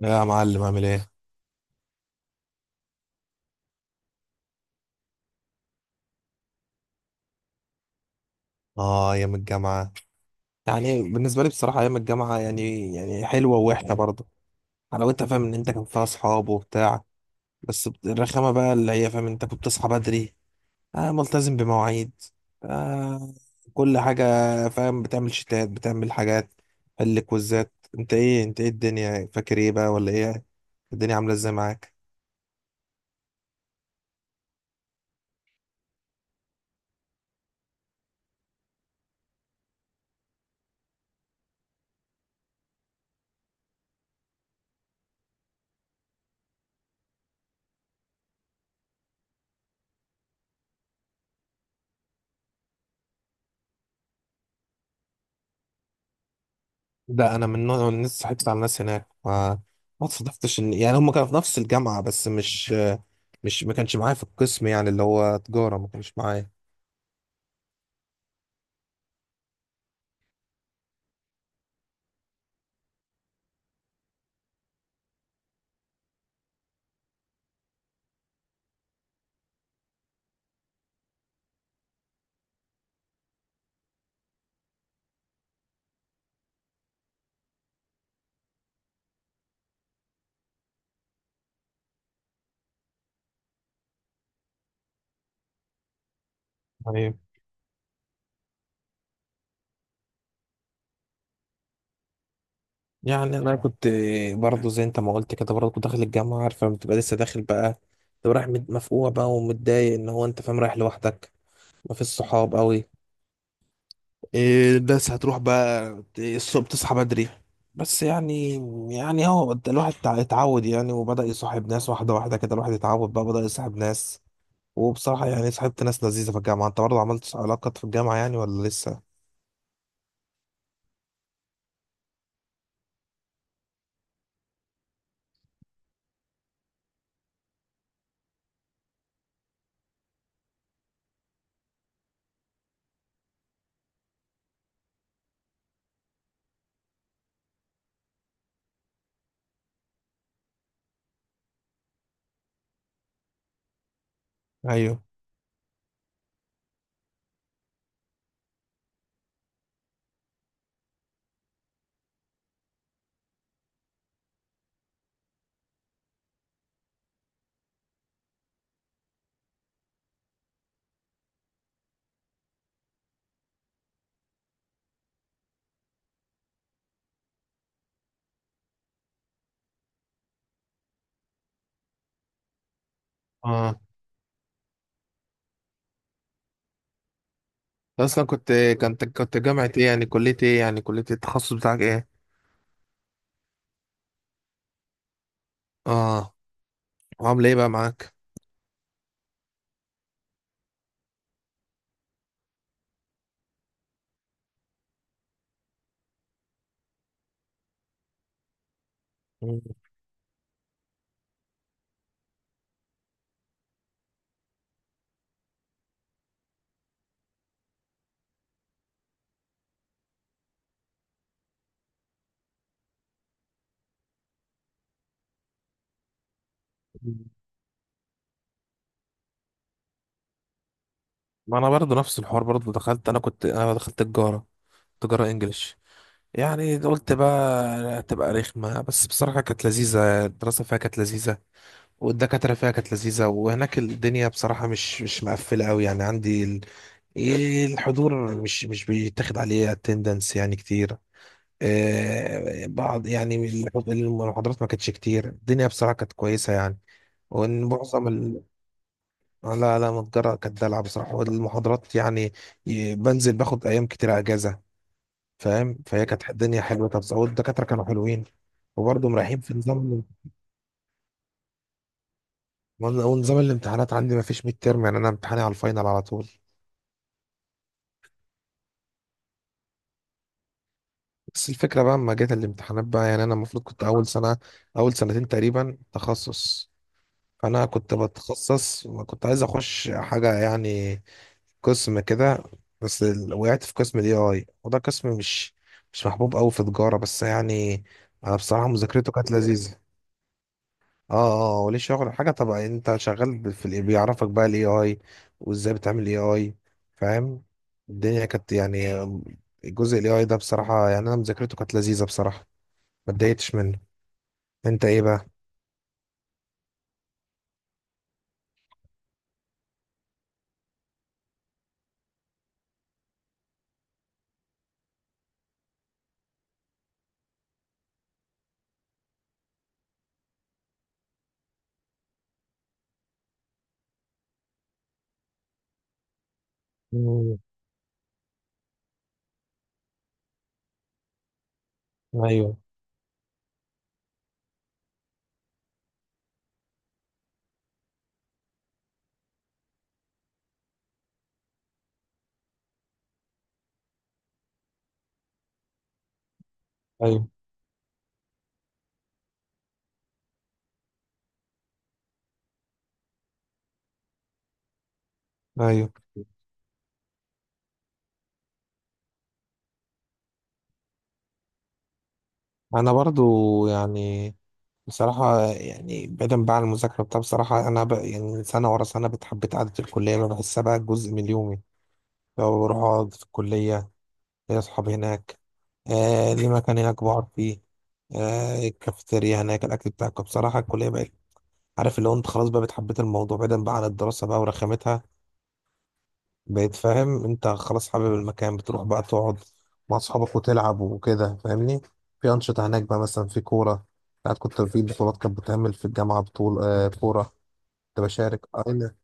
يا معلم عامل ايه؟ اه ايام الجامعة. بالنسبة لي بصراحة ايام الجامعة يعني حلوة ووحشة برضه. حلاوتها فاهم ان انت كان فيها اصحاب وبتاع، بس الرخامة بقى اللي هي فاهم انت كنت بتصحى بدري، آه ملتزم بمواعيد، آه كل حاجة. فاهم بتعمل شتات بتعمل حاجات، حل كويزات. انت ايه، انت ايه الدنيا فاكر ايه بقى ولا ايه، الدنيا عاملة ازاي معاك؟ ده انا من نوع الناس صاحبت على الناس هناك، ما صادفتش ان يعني هم كانوا في نفس الجامعه بس مش ما كانش معايا في القسم، يعني اللي هو تجاره ما كانش معايا. طيب، يعني انا كنت برضو زي انت ما قلت كده، برضو كنت داخل الجامعه عارف لما بتبقى لسه داخل بقى، تبقى رايح مفقوع بقى ومتضايق ان هو انت فاهم رايح لوحدك، ما فيش صحاب قوي، إيه بس هتروح بقى الصبح تصحى بدري. بس يعني هو الواحد اتعود يعني وبدأ يصاحب ناس واحدة واحدة كده، الواحد اتعود بقى بدأ يصاحب ناس. وبصراحة يعني صاحبت ناس لذيذة في الجامعة. انت برضه عملت علاقات في الجامعة يعني ولا لسه؟ ايوه. اه اصلا كنت، كنت جامعة ايه يعني، كلية ايه يعني، كلية التخصص بتاعك ايه؟ اه وعامله ايه بقى معاك؟ مم. ما انا برضه نفس الحوار، برضه دخلت، انا دخلت تجارة، تجارة انجليش. يعني قلت بقى هتبقى رخمة بس بصراحة كانت لذيذة، الدراسة فيها كانت لذيذة والدكاترة فيها كانت لذيذة. وهناك الدنيا بصراحة مش مقفلة أوي يعني، عندي ال... الحضور مش بيتاخد عليه اتندنس يعني كتير، بعض يعني المحاضرات ما كانتش كتير. الدنيا بصراحة كانت كويسة يعني، وان معظم ال... لا لا متجرة كانت دلع بصراحة. والمحاضرات يعني، بنزل باخد أيام كتير أجازة. فاهم، فهي كانت الدنيا حلوة. طب والدكاترة كانوا حلوين وبرضه مريحين في نظام. ونظام الامتحانات عندي ما فيش ميد تيرم، يعني أنا امتحاني على الفاينل على طول. بس الفكرة بقى لما جت الامتحانات بقى، يعني أنا المفروض كنت أول سنة، أول سنتين تقريبا تخصص. فأنا كنت بتخصص وكنت عايز أخش حاجة يعني، قسم كده. بس وقعت في قسم ال AI، وده قسم مش محبوب أوي في تجارة، بس يعني أنا بصراحة مذاكرته كانت لذيذة. اه، اه وليه شغل حاجة طبعا. أنت شغال في ال بيعرفك بقى ال AI وإزاي بتعمل AI، فاهم. الدنيا كانت يعني، جزء ال AI ده بصراحة يعني أنا مذاكرته كانت لذيذة بصراحة، ما اتضايقتش منه. انت ايه بقى؟ مم. ايوه، ايوه، ايوه. انا برضو يعني بصراحة، يعني بعيدا بقى عن المذاكرة بتاع، بصراحة أنا بقى يعني سنة ورا سنة بتحبيت قعدة الكلية، أنا بحسها بقى جزء من يومي. لو بروح أقعد في الكلية، ليا أصحابي هناك، آه ليه مكان هناك بقعد فيه، آه الكافيتيريا هناك الأكل بتاعك. بصراحة الكلية بقت، عارف اللي هو أنت خلاص بقى بتحبيت الموضوع بعيدا بقى عن الدراسة بقى ورخامتها. بقيت فاهم انت خلاص حابب المكان، بتروح بقى تقعد مع اصحابك وتلعب وكده فاهمني. في انشطه هناك بقى، مثلا في كوره، ساعات كنت في بطولات كانت بتعمل في الجامعه بطول آه كوره. كنت بشارك اه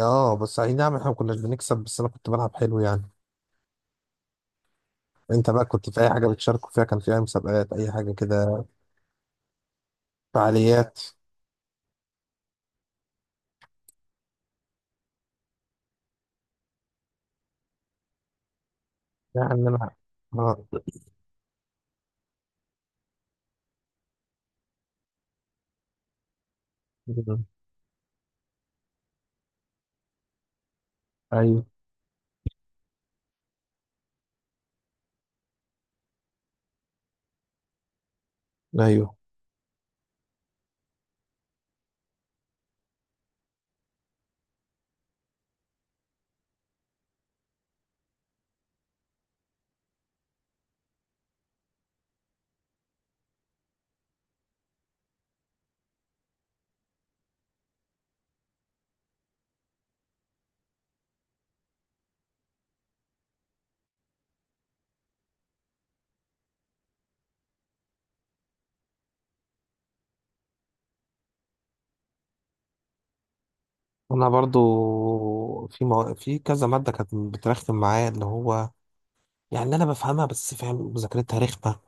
اه. بس اي نعم احنا ما كناش بنكسب بس انا كنت بلعب حلو يعني. انت بقى كنت في اي حاجه بتشاركوا فيها، كان في اي مسابقات اي حاجه كده، فعاليات يعني؟ انا اه، ايوه، ايوه. انا برضو في في كذا ماده كانت بترخم معايا، اللي هو يعني انا بفهمها بس فاهم مذاكرتها رخمه،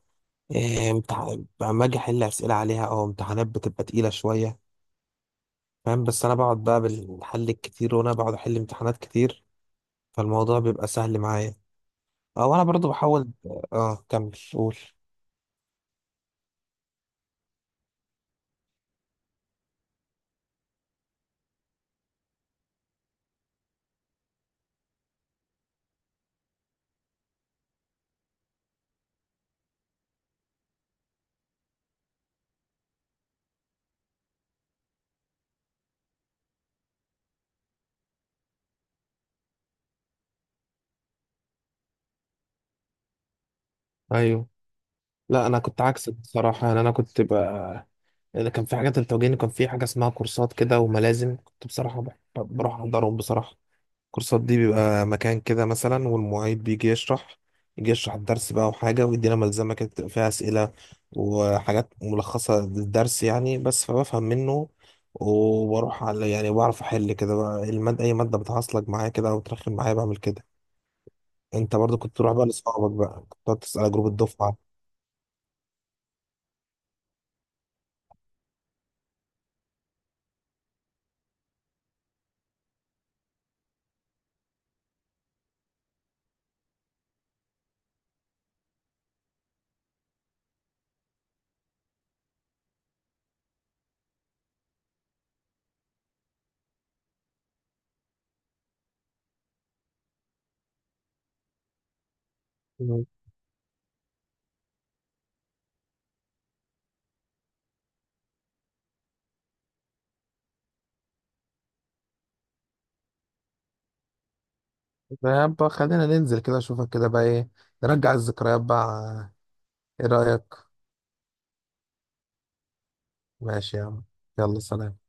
لما اجي احل اسئله عليها او امتحانات بتبقى تقيله شويه فاهم. بس انا بقعد بقى بالحل الكتير، وانا بقعد احل امتحانات كتير فالموضوع بيبقى سهل معايا. او انا برضو بحاول، اه كمل قول. ايوه. لا انا كنت عكسك بصراحه، يعني انا كنت بقى اذا كان في حاجات التوجيهي كان في حاجه اسمها كورسات كده وملازم، كنت بصراحه بروح احضرهم بصراحه. الكورسات دي بيبقى مكان كده مثلا، والمعيد بيجي يشرح، يجي يشرح الدرس بقى وحاجة، ويدينا ملزمة كده بتبقى فيها أسئلة وحاجات ملخصة للدرس يعني. بس فبفهم منه، وبروح على يعني بعرف أحل كده بقى المادة، أي مادة بتعصلك معايا كده أو بترخم معايا بعمل كده. أنت برضو كنت تروح بقى لأصحابك بقى، كنت تقعد تسأل على جروب الدفعة؟ مم. طب خلينا ننزل كده اشوفك كده بقى، ايه نرجع الذكريات بقى، ايه رأيك؟ ماشي يا عم، يلا سلام.